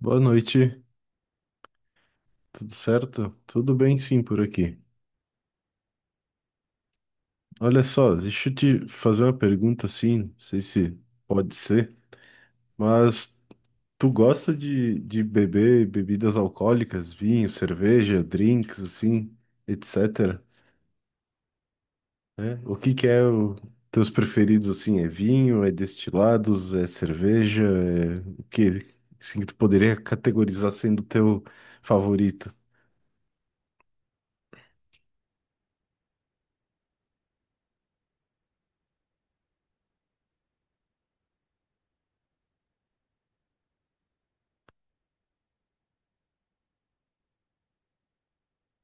Boa noite, tudo certo? Tudo bem, sim, por aqui. Olha só, deixa eu te fazer uma pergunta assim, não sei se pode ser, mas tu gosta de beber bebidas alcoólicas, vinho, cerveja, drinks, assim, etcétera, né? O que que é o teus preferidos, assim, é vinho, é destilados, é cerveja, é o que, assim, que tu poderia categorizar sendo teu favorito?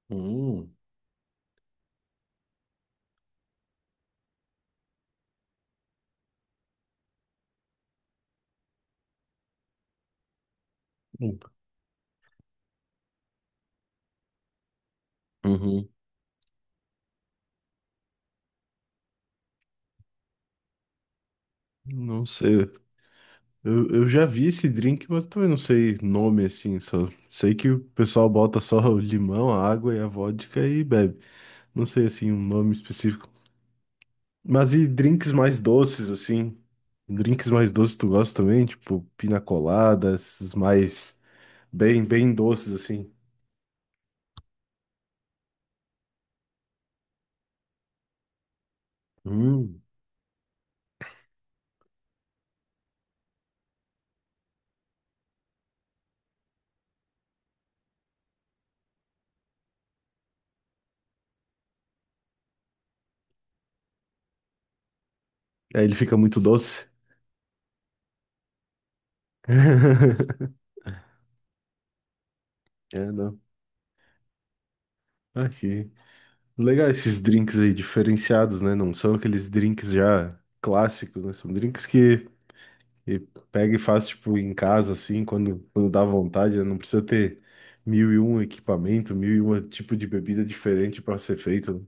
Hum. Uhum. Não sei. Eu já vi esse drink, mas também não sei nome assim, só sei que o pessoal bota só o limão, a água e a vodka e bebe. Não sei assim um nome específico. Mas e drinks mais doces assim? Drinks mais doces tu gosta também? Tipo pina colada, esses mais bem bem doces assim. Hum. Aí ele fica muito doce. É, não. Aqui. Legal esses drinks aí diferenciados, né? Não são aqueles drinks já clássicos, né? São drinks que. E pega e faz, tipo, em casa, assim, quando, dá vontade, né? Não precisa ter mil e um equipamento, mil e um tipo de bebida diferente para ser feito, né?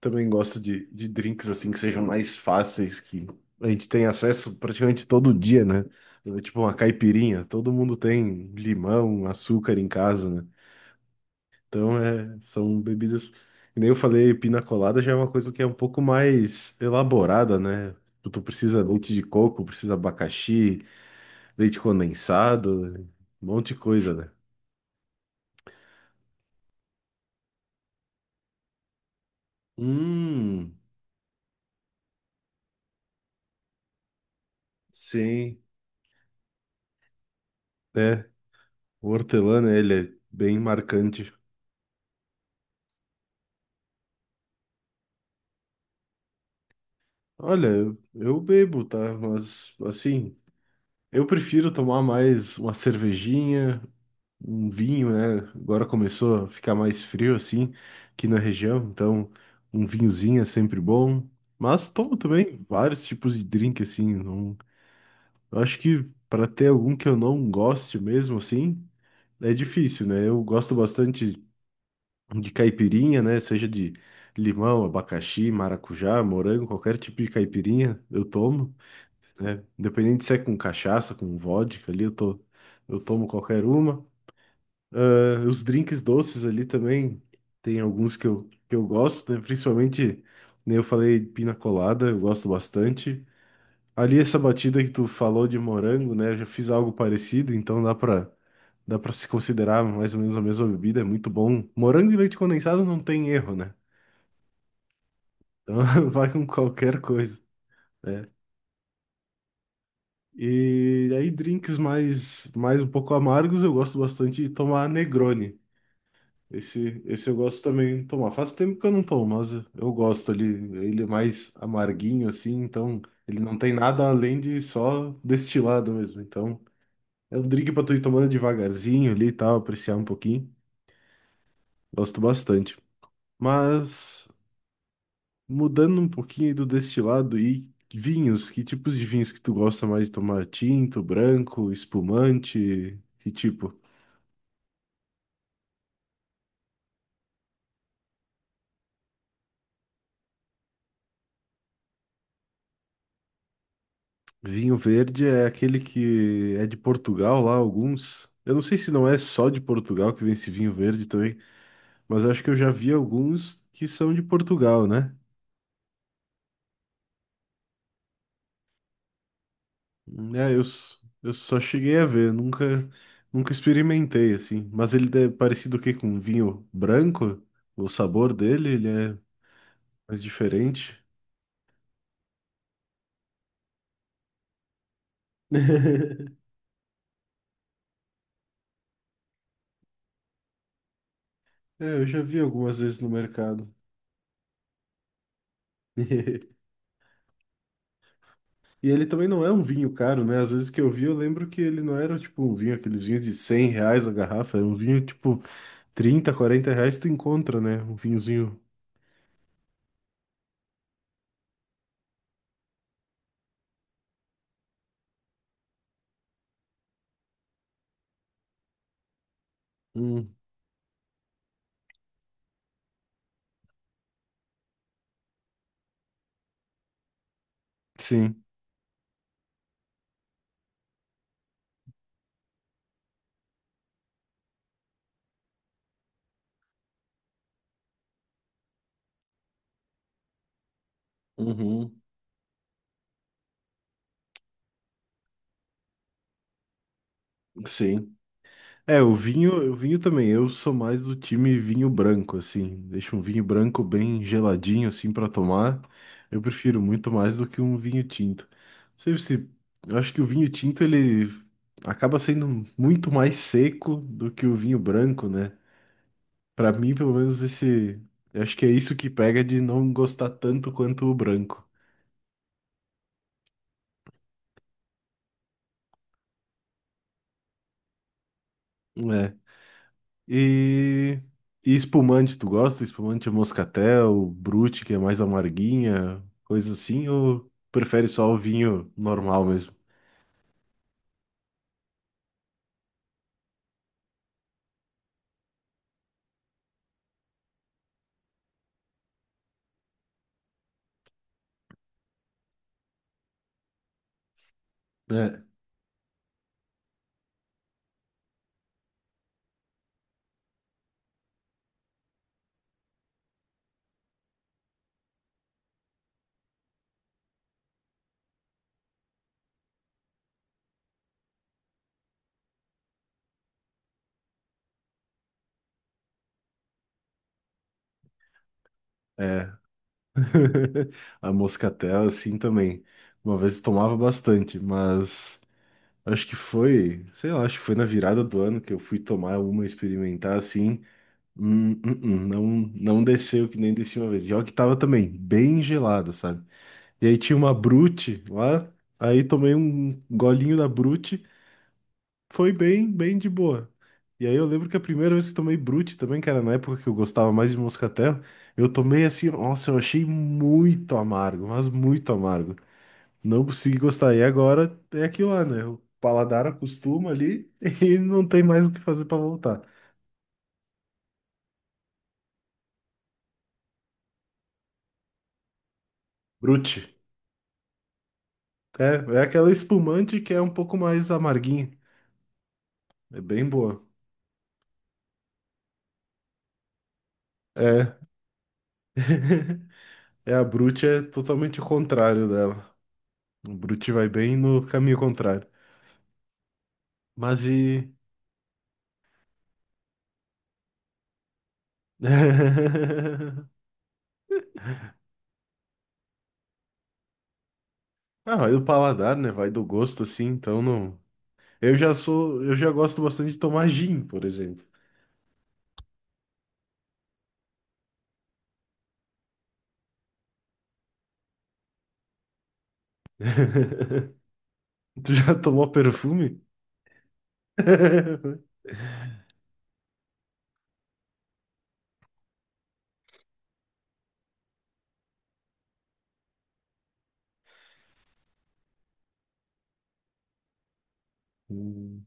Também gosto de drinks, assim, que sejam mais fáceis, que a gente tem acesso praticamente todo dia, né? É, tipo uma caipirinha, todo mundo tem limão, açúcar em casa, né? Então, é, são bebidas que, nem eu falei, pina colada já é uma coisa que é um pouco mais elaborada, né? Tu precisa leite de coco, precisa abacaxi, leite condensado, um monte de coisa, né? Hum, sim, é. O hortelã, né, ele é bem marcante. Olha, eu bebo, tá? Mas, assim, eu prefiro tomar mais uma cervejinha, um vinho, né? Agora começou a ficar mais frio, assim, aqui na região, então um vinhozinho é sempre bom. Mas tomo também vários tipos de drink, assim. Não... Eu acho que para ter algum que eu não goste mesmo, assim. É difícil, né? Eu gosto bastante de caipirinha, né? Seja de limão, abacaxi, maracujá, morango, qualquer tipo de caipirinha eu tomo, né? Independente se é com cachaça, com vodka ali, eu tomo qualquer uma. Ah, os drinks doces ali também, tem alguns que eu gosto, né? Principalmente, né, eu falei pina colada, eu gosto bastante. Ali essa batida que tu falou de morango, né? Eu já fiz algo parecido, então dá pra se considerar mais ou menos a mesma bebida, é muito bom. Morango e leite condensado não tem erro, né? Então vai com qualquer coisa, né? E aí drinks mais um pouco amargos, eu gosto bastante de tomar Negroni. Esse eu gosto também de tomar. Faz tempo que eu não tomo, mas eu gosto ali. Ele é mais amarguinho assim, então ele não tem nada além de só destilado mesmo. Então é um drink pra tu ir tomando devagarzinho ali e tal, apreciar um pouquinho. Gosto bastante. Mas mudando um pouquinho do destilado e vinhos, que tipos de vinhos que tu gosta mais de tomar? Tinto, branco, espumante? Que tipo? Vinho verde é aquele que é de Portugal lá, alguns. Eu não sei se não é só de Portugal que vem esse vinho verde também, mas acho que eu já vi alguns que são de Portugal, né? É, eu só cheguei a ver, nunca, experimentei assim. Mas ele é parecido o quê com um vinho branco? O sabor dele, ele é mais diferente. É, eu já vi algumas vezes no mercado. E ele também não é um vinho caro, né? Às vezes que eu vi, eu lembro que ele não era tipo um vinho, aqueles vinhos de R$ 100 a garrafa, era um vinho tipo 30, 40 reais tu encontra, né? Um vinhozinho. Hum, sim. Uhum, sim. É, o vinho também. Eu sou mais do time vinho branco, assim. Deixa um vinho branco bem geladinho, assim, pra tomar. Eu prefiro muito mais do que um vinho tinto. Não sei se, eu acho que o vinho tinto, ele acaba sendo muito mais seco do que o vinho branco, né? Pra mim, pelo menos esse, eu acho que é isso que pega de não gostar tanto quanto o branco. É. E, e espumante, tu gosta? Espumante moscatel, brute, que é mais amarguinha, coisa assim, ou prefere só o vinho normal mesmo? É, é. A moscatel, assim também. Uma vez eu tomava bastante, mas acho que foi, sei lá, acho que foi na virada do ano que eu fui tomar uma, experimentar assim. Não, não desceu que nem desci uma vez. E olha que tava também bem gelada, sabe? E aí tinha uma Brute lá, aí tomei um golinho da Brute, foi bem, bem de boa. E aí eu lembro que a primeira vez que tomei Brute também, que era na época que eu gostava mais de moscatel, eu tomei assim, nossa, eu achei muito amargo, mas muito amargo. Não consegui gostar. E agora é aquilo lá, né? O paladar acostuma ali e não tem mais o que fazer pra voltar. Brute. É, é aquela espumante que é um pouco mais amarguinha. É bem boa. É. É, a Brute é totalmente o contrário dela. O Brute vai bem no caminho contrário. Mas e. Ah, vai do paladar, né? Vai do gosto, assim, então não. Eu já sou. Eu já gosto bastante de tomar gin, por exemplo. Tu já tomou perfume? Hum.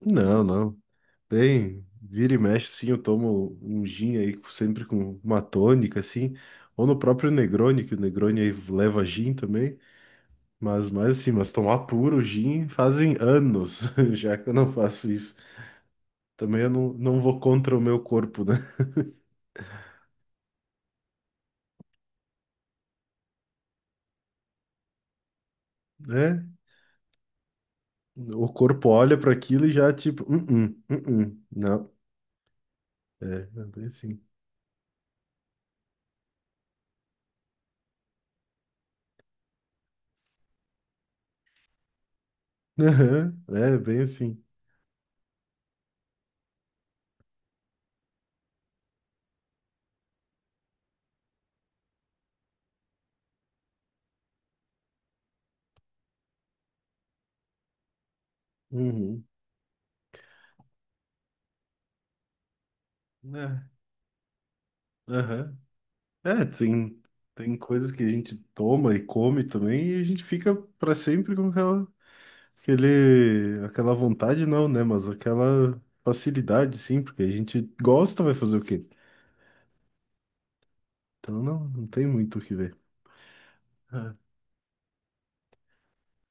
Não, não. Bem, vira e mexe, sim, eu tomo um gin aí, sempre com uma tônica, assim. Ou no próprio Negroni, que o Negroni aí leva gin também. Mas assim, mas tomar puro gin fazem anos, já que eu não faço isso. Também eu não, não vou contra o meu corpo, né? É, o corpo olha para aquilo e já tipo, uh-uh, uh-uh, não. É, é bem assim. Aham, é bem assim. Uhum. É, aham. É, tem coisas que a gente toma e come também e a gente fica para sempre com aquela, aquele, aquela vontade, não, né? Mas aquela facilidade, sim, porque a gente gosta, vai fazer o quê? Então não, não tem muito o que ver.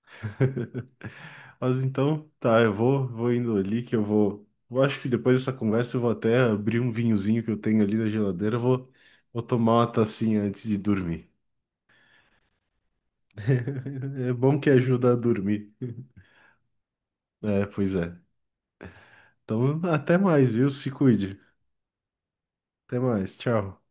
Mas então, tá, eu vou indo ali que eu vou. Eu acho que depois dessa conversa eu vou até abrir um vinhozinho que eu tenho ali na geladeira, eu vou tomar uma tacinha antes de dormir. É bom que ajuda a dormir. É, pois é. Então, até mais, viu? Se cuide. Até mais, tchau.